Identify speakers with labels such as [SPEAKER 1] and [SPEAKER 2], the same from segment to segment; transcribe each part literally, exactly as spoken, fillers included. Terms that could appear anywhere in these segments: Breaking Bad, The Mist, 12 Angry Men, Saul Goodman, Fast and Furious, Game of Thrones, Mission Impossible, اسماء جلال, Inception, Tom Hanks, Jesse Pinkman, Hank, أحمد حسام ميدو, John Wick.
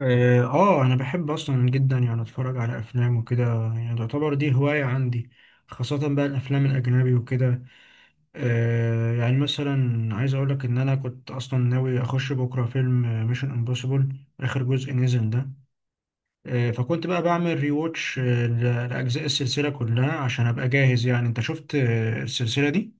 [SPEAKER 1] اه آه، انا بحب اصلا جدا يعني اتفرج على افلام وكده. يعني تعتبر دي هواية عندي، خاصة بقى الافلام الاجنبي وكده. آه يعني مثلا عايز اقول لك ان انا كنت اصلا ناوي اخش بكرة فيلم ميشن امبوسيبل، اخر جزء نزل ده. آه فكنت بقى بعمل ريواتش لاجزاء السلسلة كلها عشان ابقى جاهز. يعني انت شفت آه، السلسلة دي؟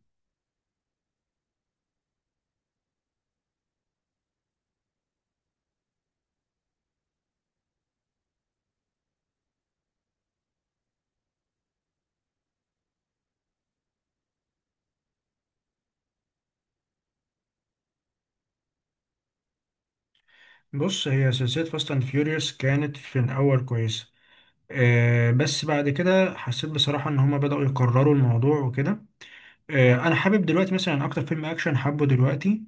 [SPEAKER 1] بص، هي سلسلة فاست اند فيوريوس كانت في الاول كويسة، آه، بس بعد كده حسيت بصراحة إن هما بدأوا يكرروا الموضوع وكده. آه، انا حابب دلوقتي، مثلا اكتر فيلم اكشن حابه دلوقتي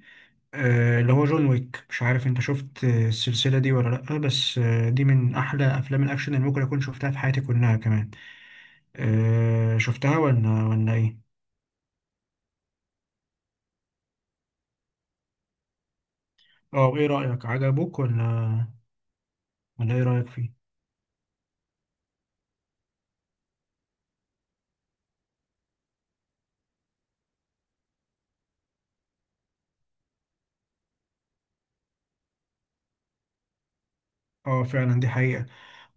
[SPEAKER 1] آه، اللي هو جون ويك. مش عارف انت شفت آه، السلسله دي ولا لا، بس آه، دي من احلى افلام الاكشن اللي ممكن اكون شفتها في حياتي كلها كمان. آه، شفتها ولا ولا ايه؟ اه وايه رايك؟ عجبك ولا؟ ولا ايه رايك فيه؟ اه فعلا دي حقيقه.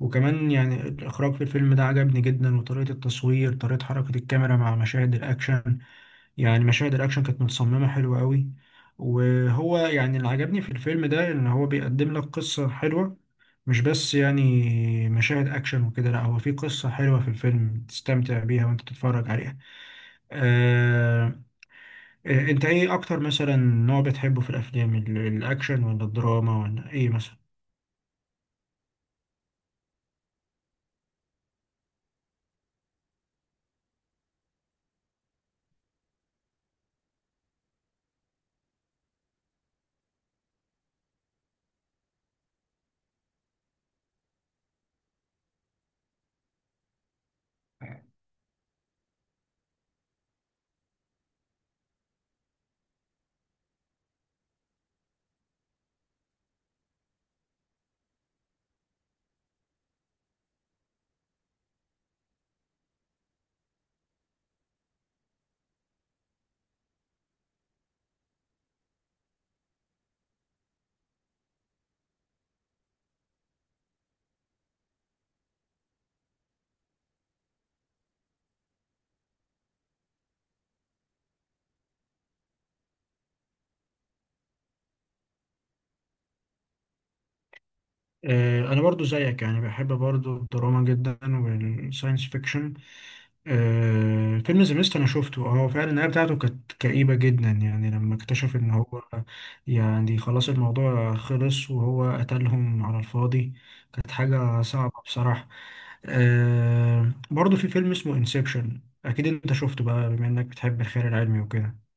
[SPEAKER 1] وكمان يعني الاخراج في الفيلم ده عجبني جدا، وطريقه التصوير، طريقه حركه الكاميرا مع مشاهد الاكشن. يعني مشاهد الاكشن كانت متصممه حلوه قوي. وهو يعني اللي عجبني في الفيلم ده ان هو بيقدم لك قصه حلوه، مش بس يعني مشاهد اكشن وكده. لا، هو في قصه حلوه في الفيلم تستمتع بيها وانت تتفرج عليها. آه آه، انت ايه اكتر مثلا نوع بتحبه في الافلام، ال- الاكشن ولا الدراما ولا ايه مثلا؟ آه، انا برضو زيك، يعني بحب برضو الدراما جدا والساينس فيكشن. آه، فيلم ذا ميست انا شفته، اه فعلا النهايه بتاعته كانت كئيبه جدا. يعني لما اكتشف ان هو يعني خلاص الموضوع خلص وهو قتلهم على الفاضي، كانت حاجه صعبه بصراحه. آه برضو في فيلم اسمه انسبشن، اكيد انت شفته بقى بما انك بتحب الخيال العلمي وكده.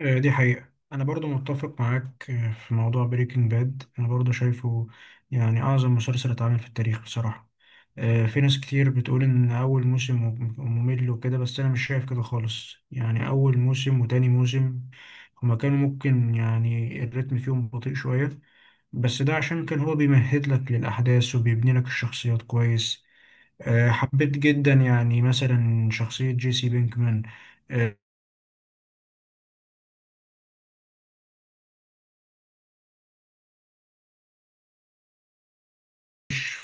[SPEAKER 1] آه، دي حقيقة، أنا برضو متفق معاك آه، في موضوع بريكنج باد. أنا برضو شايفه يعني أعظم مسلسل اتعمل في التاريخ بصراحة. آه، في ناس كتير بتقول إن أول موسم مم- ممل وكده، بس أنا مش شايف كده خالص. يعني أول موسم وتاني موسم، هما كانوا ممكن يعني الريتم فيهم بطيء شوية، بس ده عشان كان هو بيمهد لك للأحداث وبيبني لك الشخصيات كويس. آه، حبيت جدا يعني مثلا شخصية جيسي بينكمان.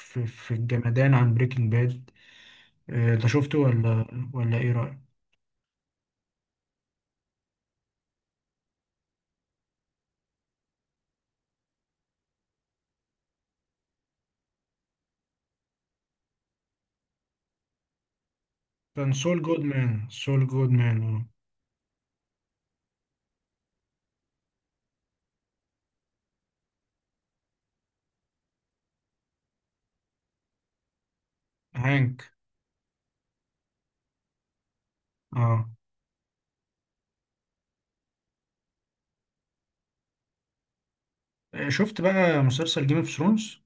[SPEAKER 1] في في الجمدان عن بريكنج باد، انت شفته؟ ولا ولا ايه رأيك؟ كان سول جودمان، سول جودمان، اه هانك. اه آه، شفت بقى مسلسل جيم اوف ثرونز؟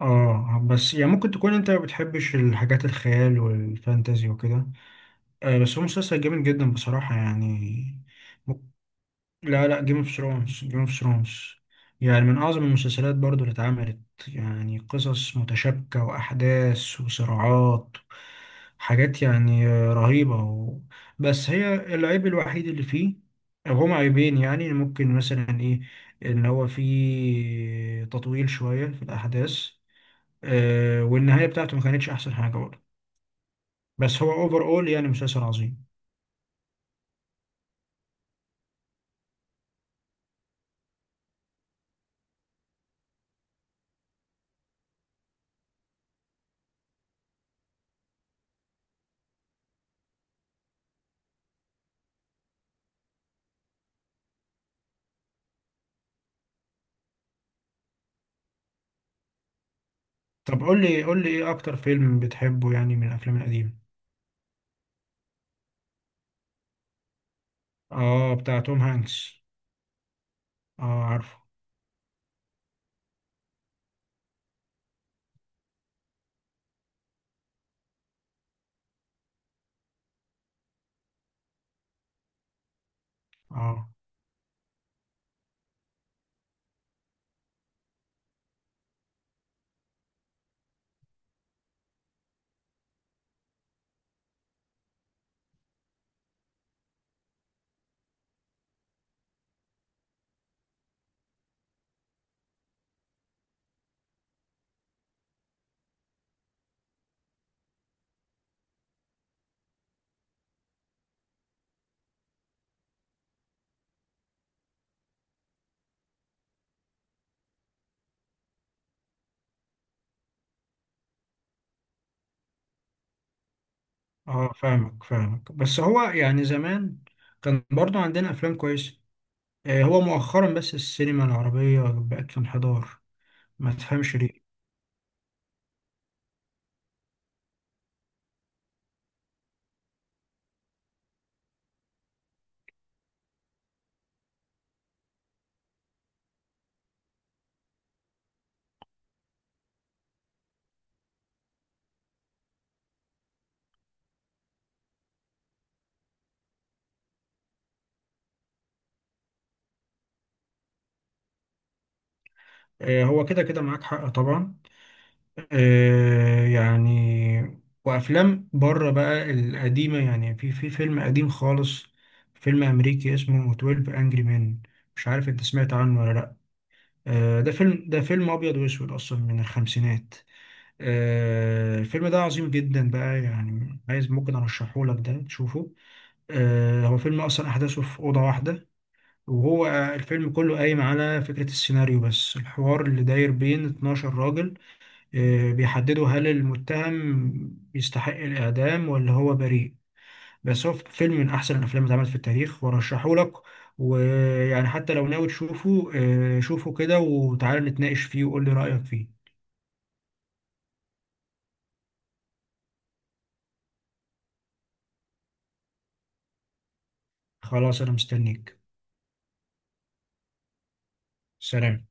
[SPEAKER 1] اه بس يعني ممكن تكون انت ما بتحبش الحاجات الخيال والفانتازي وكده، آه بس هو مسلسل جامد جدا بصراحة يعني. لا، لا، جيم اوف ثرونز، جيم اوف ثرونز يعني من اعظم المسلسلات برضو اللي اتعملت. يعني قصص متشابكة، واحداث، وصراعات، حاجات يعني رهيبة و... بس هي العيب الوحيد اللي فيه، او هما عيبين يعني، ممكن مثلا ايه؟ ان هو فيه تطويل شوية في الاحداث، آه والنهاية بتاعته ما كانتش احسن حاجة برضو. بس هو اوفر اول يعني مسلسل عظيم. طب قول لي، قول لي ايه اكتر فيلم بتحبه يعني من الافلام القديمة؟ اه بتاع توم هانكس؟ اه، عارفه. اه، اه، فاهمك فاهمك، بس هو يعني زمان كان برضو عندنا افلام كويسه. آه هو مؤخرا بس السينما العربيه بقت في انحدار، ما تفهمش ليه؟ آه هو كده كده معاك حق طبعا. آه يعني وافلام بره بقى القديمه، يعني في في فيلم قديم خالص، فيلم امريكي اسمه اثنا عشر انجري مان، مش عارف انت سمعت عنه ولا لا. آه ده فيلم ده فيلم ابيض واسود اصلا من الخمسينات. آه، الفيلم ده عظيم جدا بقى، يعني عايز ممكن ارشحه لك ده تشوفه. آه، هو فيلم اصلا احداثه في اوضه واحده، وهو آه، الفيلم كله قايم على فكرة السيناريو بس، الحوار اللي داير بين 12 راجل آه، بيحددوا هل المتهم يستحق الإعدام ولا هو بريء. بس هو فيلم من أحسن الأفلام اللي اتعملت في التاريخ، وأرشحه لك. ويعني حتى لو ناوي تشوفه آه، شوفه كده، وتعالى نتناقش فيه، وقول لي رأيك فيه. خلاص، أنا مستنيك. سلام.